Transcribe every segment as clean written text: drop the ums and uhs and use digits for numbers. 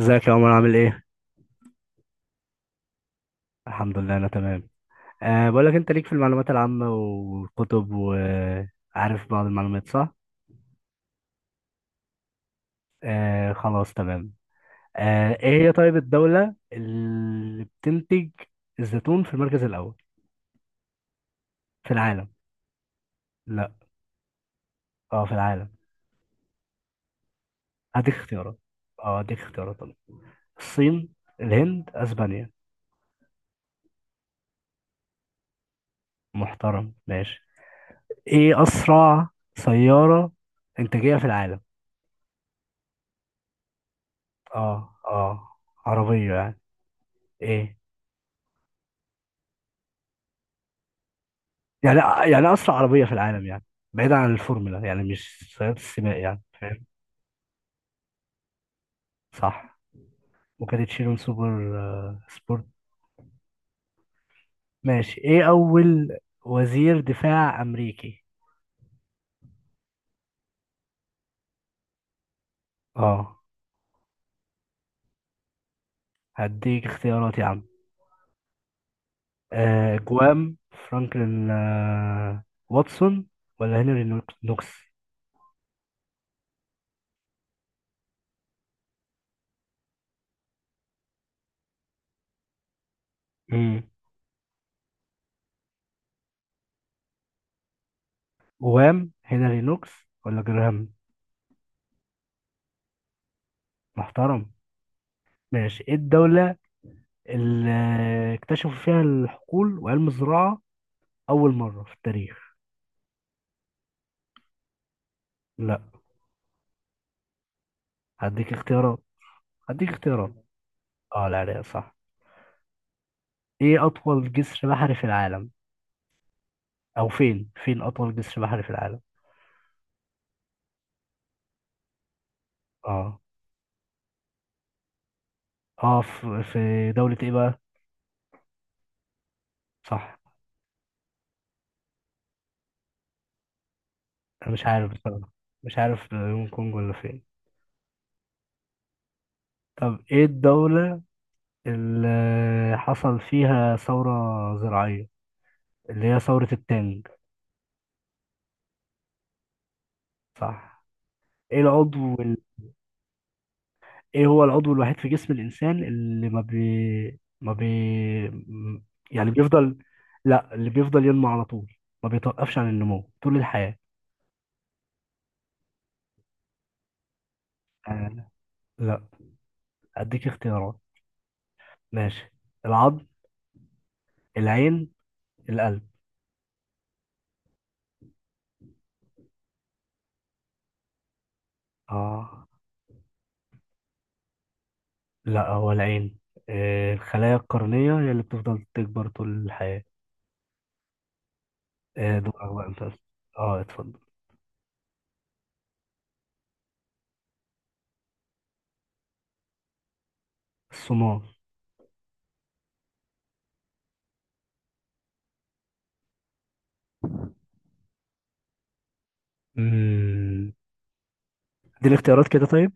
ازيك يا عمر؟ عامل ايه؟ الحمد لله انا تمام. بقول لك، انت ليك في المعلومات العامة والكتب، وعارف بعض المعلومات، صح؟ أه، خلاص، تمام. ايه هي طيب الدولة اللي بتنتج الزيتون في المركز الأول في العالم؟ لا. اه، في العالم. هديك اختيارات. اه، هديك اختيارات طبعا. الصين، الهند، اسبانيا. محترم. ماشي، ايه أسرع سيارة إنتاجية في العالم؟ اه، اه. عربية يعني. ايه؟ يعني يعني اسرع عربيه في العالم يعني، بعيدا عن الفورمولا يعني، مش سيارات السباق، يعني فاهم. صح، وكانت شيرون سوبر، سبورت. ماشي، ايه اول وزير دفاع امريكي؟ اه، هديك اختيارات يا عم. آه، جوام فرانكلين، واتسون، ولا هنري نوكس. امم، جوام، هنري نوكس ولا جراهام؟ محترم. ماشي، ايه الدولة اللي اكتشفوا فيها الحقول وعلم الزراعة أول مرة في التاريخ؟ لا، هديك اختيارات هديك اختيارات. اه، العراق، صح. ايه اطول جسر بحري في العالم؟ او فين اطول جسر بحري في العالم؟ اه، اه. في دولة ايه بقى؟ صح، انا مش عارف بصراحة. مش عارف، هونج كونج ولا فين. طب ايه الدولة اللي حصل فيها ثورة زراعية اللي هي ثورة التانج؟ صح. ايه العضو ايه هو العضو الوحيد في جسم الانسان اللي ما بي ما بي م- يعني بيفضل، لا، اللي بيفضل ينمو على طول، ما بيتوقفش عن النمو طول الحياة؟ آه. لا، اديك اختيارات. ماشي، العظم، العين، القلب. اه، لا هو العين. آه، الخلايا القرنية هي اللي بتفضل تكبر طول الحياة. آه، دورك بقى انت. اه، اتفضل. الصمام. امم، دي الاختيارات كده، طيب.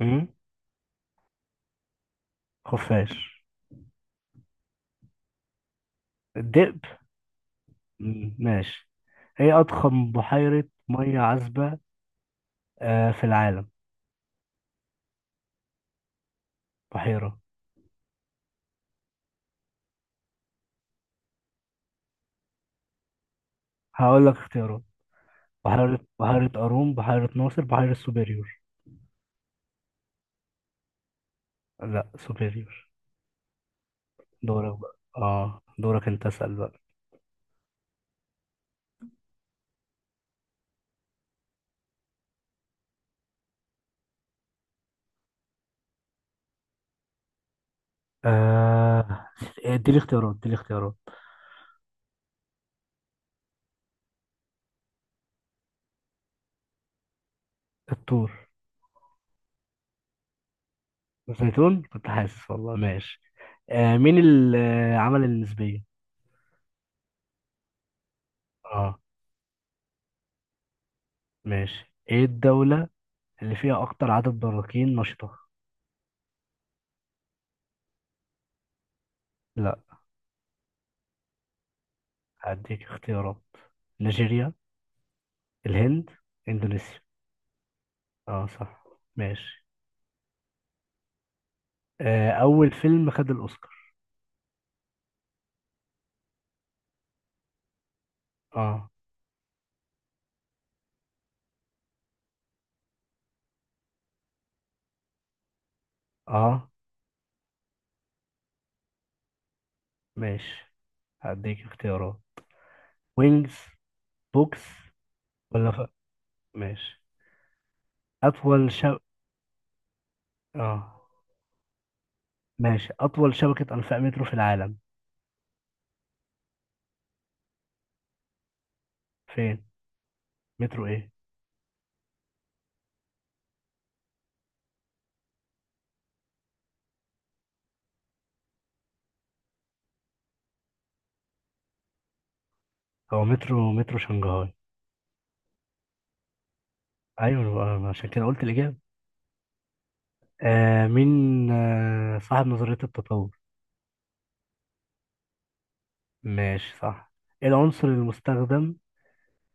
امم، خفاش، الدئب. مم، ماشي. ايه اضخم بحيرة مية عذبة، في العالم؟ بحيرة. هقول لك اختيارات. بحيرة قارون، بحيرة ناصر، بحيرة سوبيريور. لا، سوبيريور. دورك بقى، اه دورك انت اسأل بقى. آه، اديني اختيارات. الطور. الزيتون، كنت حاسس والله. ماشي. آه، مين اللي آه، عمل النسبية؟ اه، ماشي. ايه الدولة اللي فيها اكتر عدد براكين نشطة؟ لا، هديك اختيارات. نيجيريا، الهند، اندونيسيا. اه، صح، ماشي. آه، اول فيلم خد الاوسكار. اه، اه، ماشي، هديك اختيارات. وينجز، بوكس، ولا ف... ماشي. اطول شب اه، ماشي، اطول شبكة انفاق مترو في العالم؟ فين، مترو ايه؟ هو مترو شنغهاي. ايوه بقى، أنا عشان كده قلت الاجابة. آه مين آه صاحب نظرية التطور. ماشي، صح. ايه العنصر المستخدم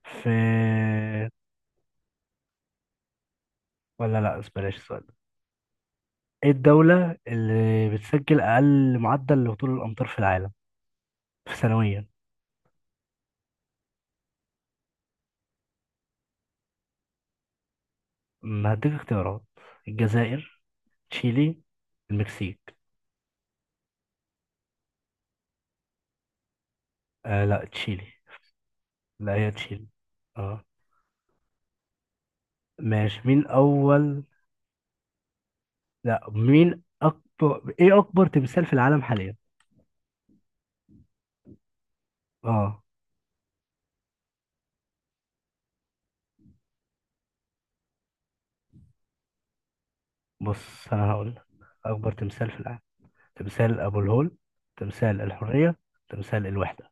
في ولا لا، بلاش السؤال. ايه الدولة اللي بتسجل أقل معدل لهطول الأمطار في العالم في سنويا؟ أمم، هديك اختيارات. الجزائر، تشيلي، المكسيك. آه لا، تشيلي. لا، هي تشيلي. اه، ماشي. مين أول لا مين أكبر ايه أكبر تمثال في العالم حاليا؟ اه، بص أنا هقول لك. أكبر تمثال في العالم، تمثال أبو الهول، تمثال الحرية، تمثال الوحدة،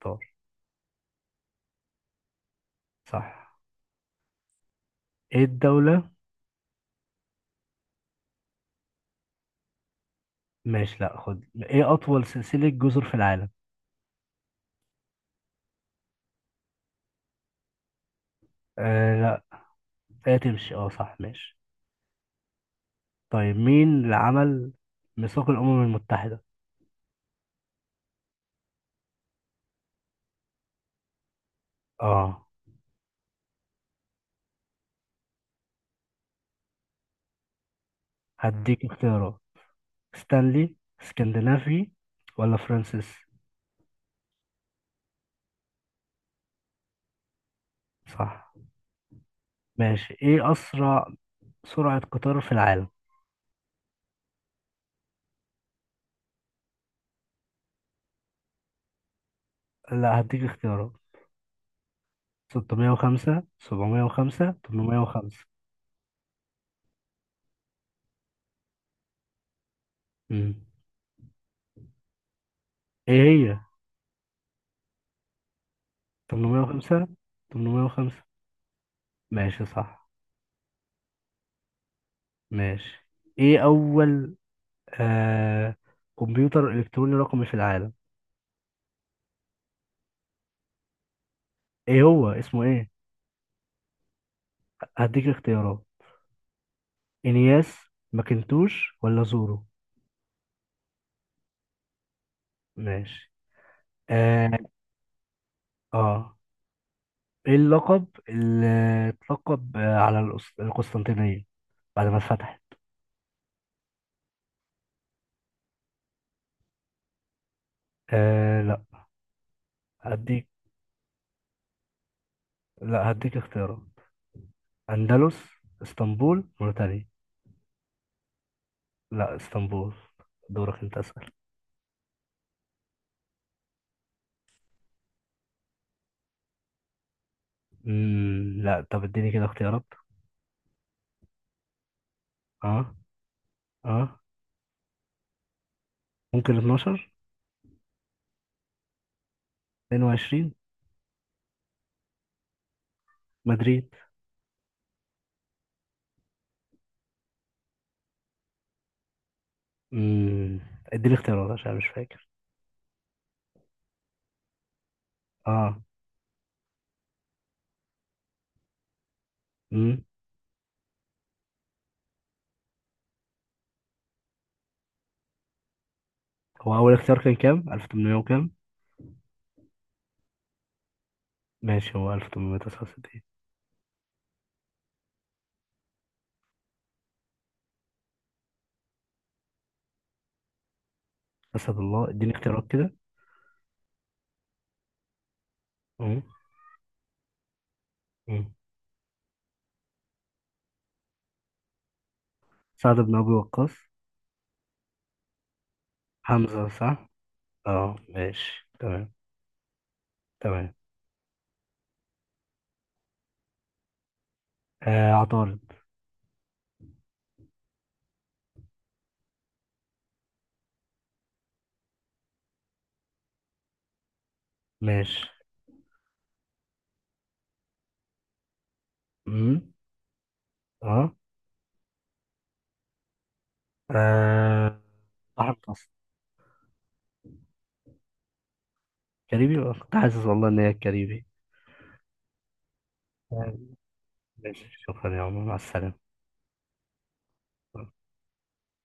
طار. صح. ايه الدولة ماشي لا خد ايه أطول سلسلة جزر في العالم؟ آه، لا هي تمشي، اه صح، ماشي. طيب، مين اللي عمل ميثاق الأمم المتحدة؟ اه، هديك اختيارات. ستانلي، اسكندنافي، ولا فرانسيس. صح. ماشي، ايه أسرع سرعة قطار في العالم؟ لا، هديك اختيارات. 605، 705، 805. امم. ايه هي؟ 805. 805، ماشي، صح. ماشي. ايه أول آه كمبيوتر إلكتروني رقمي في العالم؟ ايه هو اسمه ايه؟ هديك اختيارات. انياس، ماكنتوش ولا زورو. ماشي. اه, آه. ايه اللقب اللي اتلقب، على القسطنطينية بعد ما اتفتحت؟ آه لا. هديك هديك اختيارات. اندلس، اسطنبول، موريتانيا. لا، اسطنبول. دورك انت اسأل. مم. لا، طب اديني كده اختيارات. اه، اه، ممكن 12، 22. مدريد. امم، اديني اختيارات عشان أنا مش فاكر. اه، امم. هو اول اختيار كان كام؟ 1800 وكام؟ ماشي، هو 1869. اسد الله، اديني اختيارات كده. امم امم سعد بن ابي وقاص. حمزة، صح. اه، ماشي، تمام، تمام. آه، عطارد. ماشي. امم، اه، آه، بحر متوسط. كاريبي، كنت حاسس والله ان هي الكاريبي. تمام. ماشي، شكرا يا عمر، مع السلامة.